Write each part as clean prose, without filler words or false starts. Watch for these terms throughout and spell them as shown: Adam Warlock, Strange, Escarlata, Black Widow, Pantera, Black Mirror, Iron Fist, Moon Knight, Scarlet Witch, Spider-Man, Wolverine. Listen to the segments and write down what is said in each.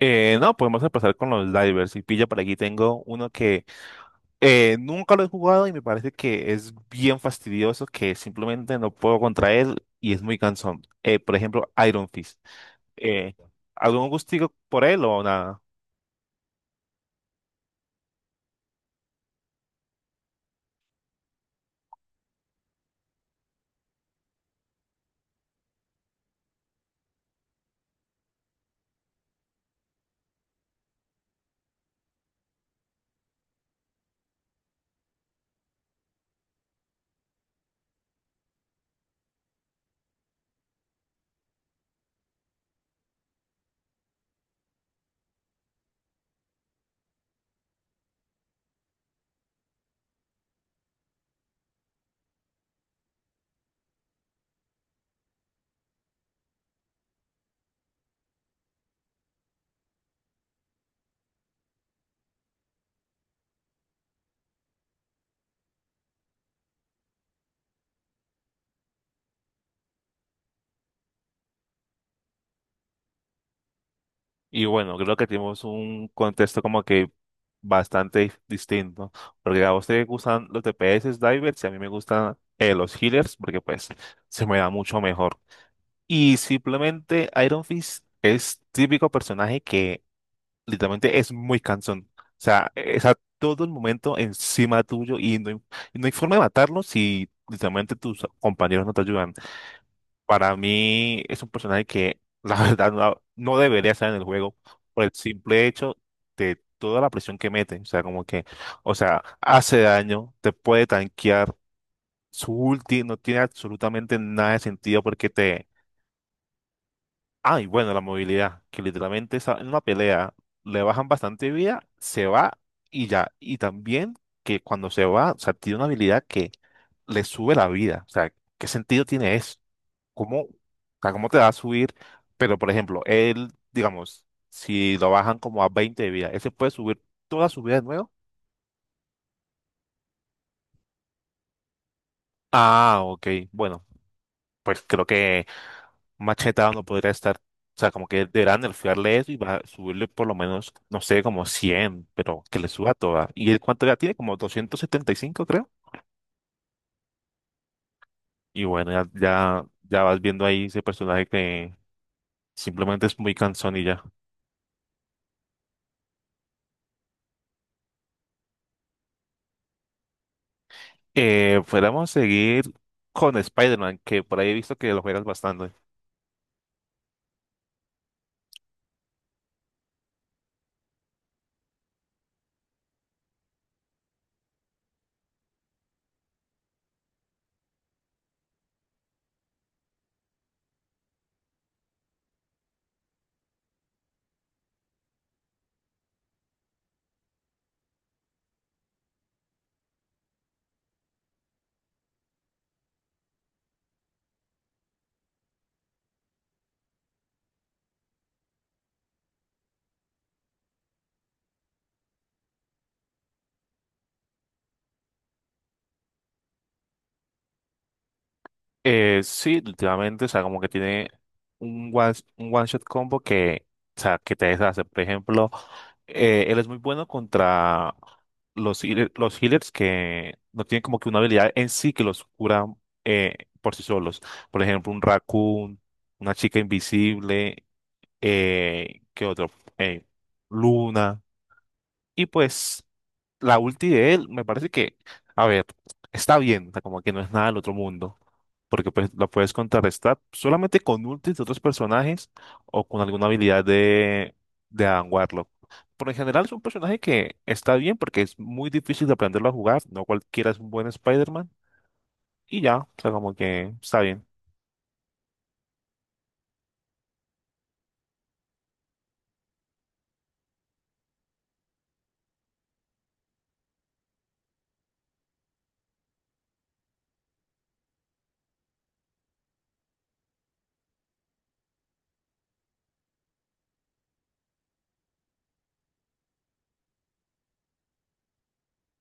No, podemos empezar con los divers. Y pilla, por aquí tengo uno que nunca lo he jugado y me parece que es bien fastidioso, que simplemente no puedo contra él y es muy cansón. Por ejemplo, Iron Fist. Eh, ¿Algún gustico por él o nada? Y bueno, creo que tenemos un contexto como que bastante distinto, porque a vos te gustan los DPS divers y a mí me gustan los healers, porque pues se me da mucho mejor. Y simplemente Iron Fist es típico personaje que literalmente es muy cansón. O sea, es a todo el momento encima tuyo y y no hay forma de matarlo si literalmente tus compañeros no te ayudan. Para mí es un personaje que la verdad no debería estar en el juego por el simple hecho de toda la presión que mete. O sea, hace daño, te puede tanquear. Su ulti no tiene absolutamente nada de sentido porque ay, bueno, la movilidad, que literalmente en una pelea le bajan bastante vida, se va y ya. Y también que cuando se va, o sea, tiene una habilidad que le sube la vida. O sea, ¿qué sentido tiene eso? ¿Cómo, o sea, cómo te va a subir? Pero, por ejemplo, él, digamos, si lo bajan como a 20 de vida, ¿ese puede subir toda su vida de nuevo? Ah, ok. Bueno, pues creo que Macheta no podría estar, o sea, como que deberán nerfearle eso y va a subirle por lo menos, no sé, como 100, pero que le suba toda. ¿Y él cuánto ya tiene? Como 275, creo. Y bueno, ya vas viendo ahí ese personaje que simplemente es muy cansón y ya. Fuéramos a seguir con Spider-Man, que por ahí he visto que lo juegas bastante. Sí, últimamente, o sea, como que tiene un one shot combo o sea, que te deshace. Por ejemplo, él es muy bueno contra los healers que no tienen como que una habilidad en sí que los cura eh, por sí solos. Por ejemplo, un raccoon, una chica invisible, ¿qué otro? Eh, Luna. Y pues, la ulti de él me parece que, a ver, está bien, o sea, como que no es nada del otro mundo porque pues la puedes contrarrestar solamente con ultis de otros personajes o con alguna habilidad de Adam Warlock. Por en general es un personaje que está bien porque es muy difícil de aprenderlo a jugar, no cualquiera es un buen Spider-Man y ya, o sea, como que está bien.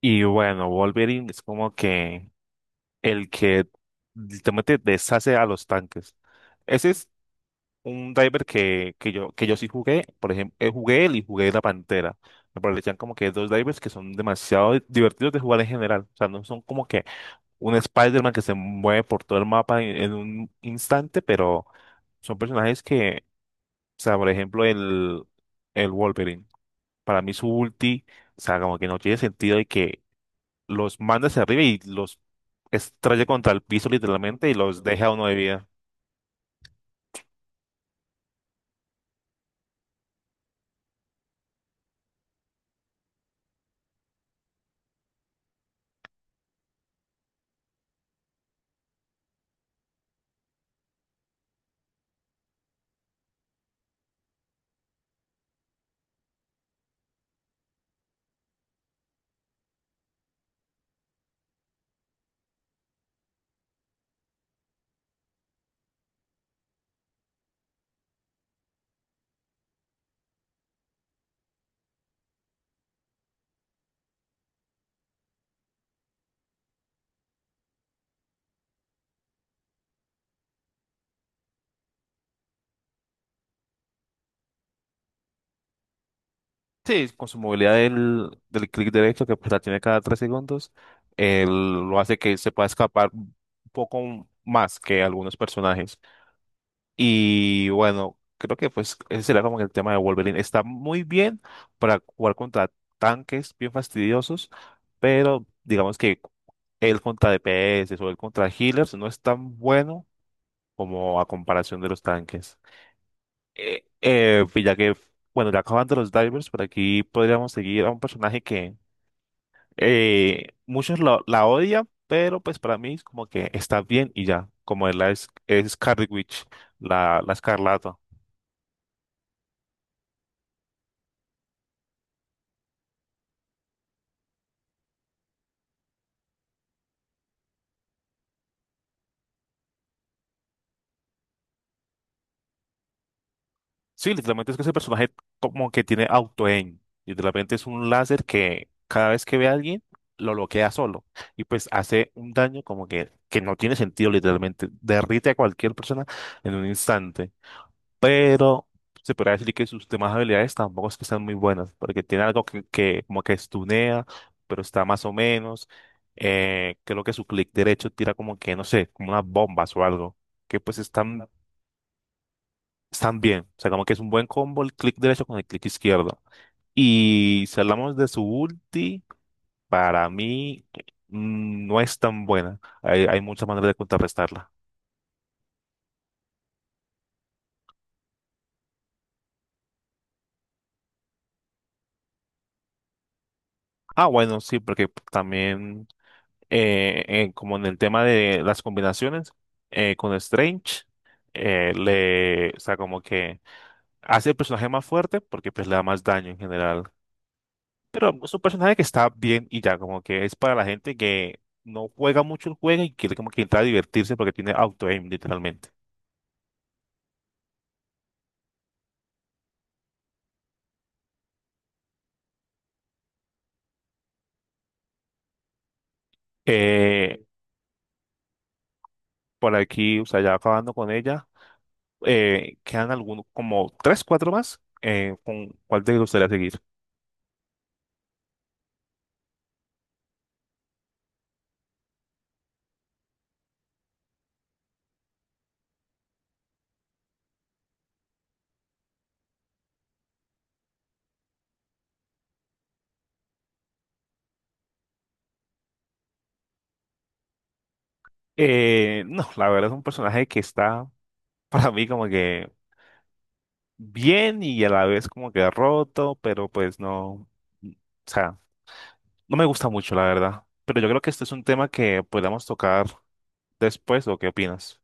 Y bueno, Wolverine es como que el que literalmente deshace a los tanques. Ese es un diver que, que yo sí jugué, por ejemplo, jugué él y jugué la Pantera. Me parecían como que dos divers que son demasiado divertidos de jugar en general. O sea, no son como que un Spider-Man que se mueve por todo el mapa en un instante, pero son personajes que, o sea, por ejemplo, el Wolverine. Para mí su ulti, o sea, como que no tiene sentido y que los manda hacia arriba y los estrella contra el piso literalmente y los deja a uno de vida. Sí, con su movilidad del clic derecho, que pues la tiene cada 3 segundos, él lo hace que se pueda escapar un poco más que algunos personajes. Y bueno, creo que pues ese sería como el tema de Wolverine. Está muy bien para jugar contra tanques bien fastidiosos, pero digamos que él contra DPS o él contra healers no es tan bueno como a comparación de los tanques. Eh, eh, ya que, bueno, ya acabando los divers, por aquí podríamos seguir a un personaje que eh, muchos la odian, pero pues para mí es como que está bien y ya, como es Scarlet Witch, la Escarlata. Sí, literalmente es que ese personaje como que tiene auto-aim. Literalmente es un láser que cada vez que ve a alguien lo bloquea solo y pues hace un daño como que no tiene sentido, literalmente derrite a cualquier persona en un instante. Pero se podría decir que sus demás habilidades tampoco es que sean muy buenas, porque tiene algo que como que estunea, pero está más o menos. Creo que su clic derecho tira como que, no sé, como unas bombas o algo, que pues están, están bien. O sea, como que es un buen combo el clic derecho con el clic izquierdo. Y si hablamos de su ulti, para mí no es tan buena. Hay muchas maneras de contrarrestarla. Ah, bueno, sí, porque también como en el tema de las combinaciones con Strange, o sea, como que hace el personaje más fuerte porque pues le da más daño en general. Pero es un personaje que está bien y ya, como que es para la gente que no juega mucho el juego y quiere como que entrar a divertirse porque tiene auto-aim literalmente. Eh, por aquí, o sea, ya acabando con ella, quedan algunos, como tres, cuatro más. ¿Con cuál te gustaría seguir? No, la verdad es un personaje que está para mí como que bien y a la vez como que roto, pero pues no, o sea, no me gusta mucho la verdad. Pero yo creo que este es un tema que podamos tocar después, ¿o qué opinas?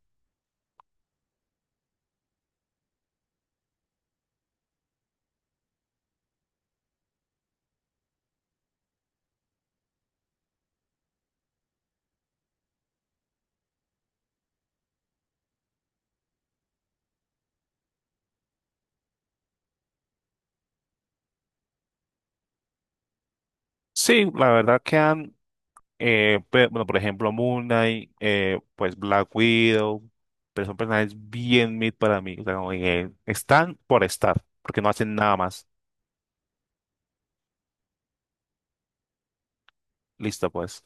Sí, la verdad quedan, bueno, por ejemplo, Moon Knight, pues Black Widow, pero son personajes bien mid para mí, o sea, como que están por estar, porque no hacen nada más. Listo, pues.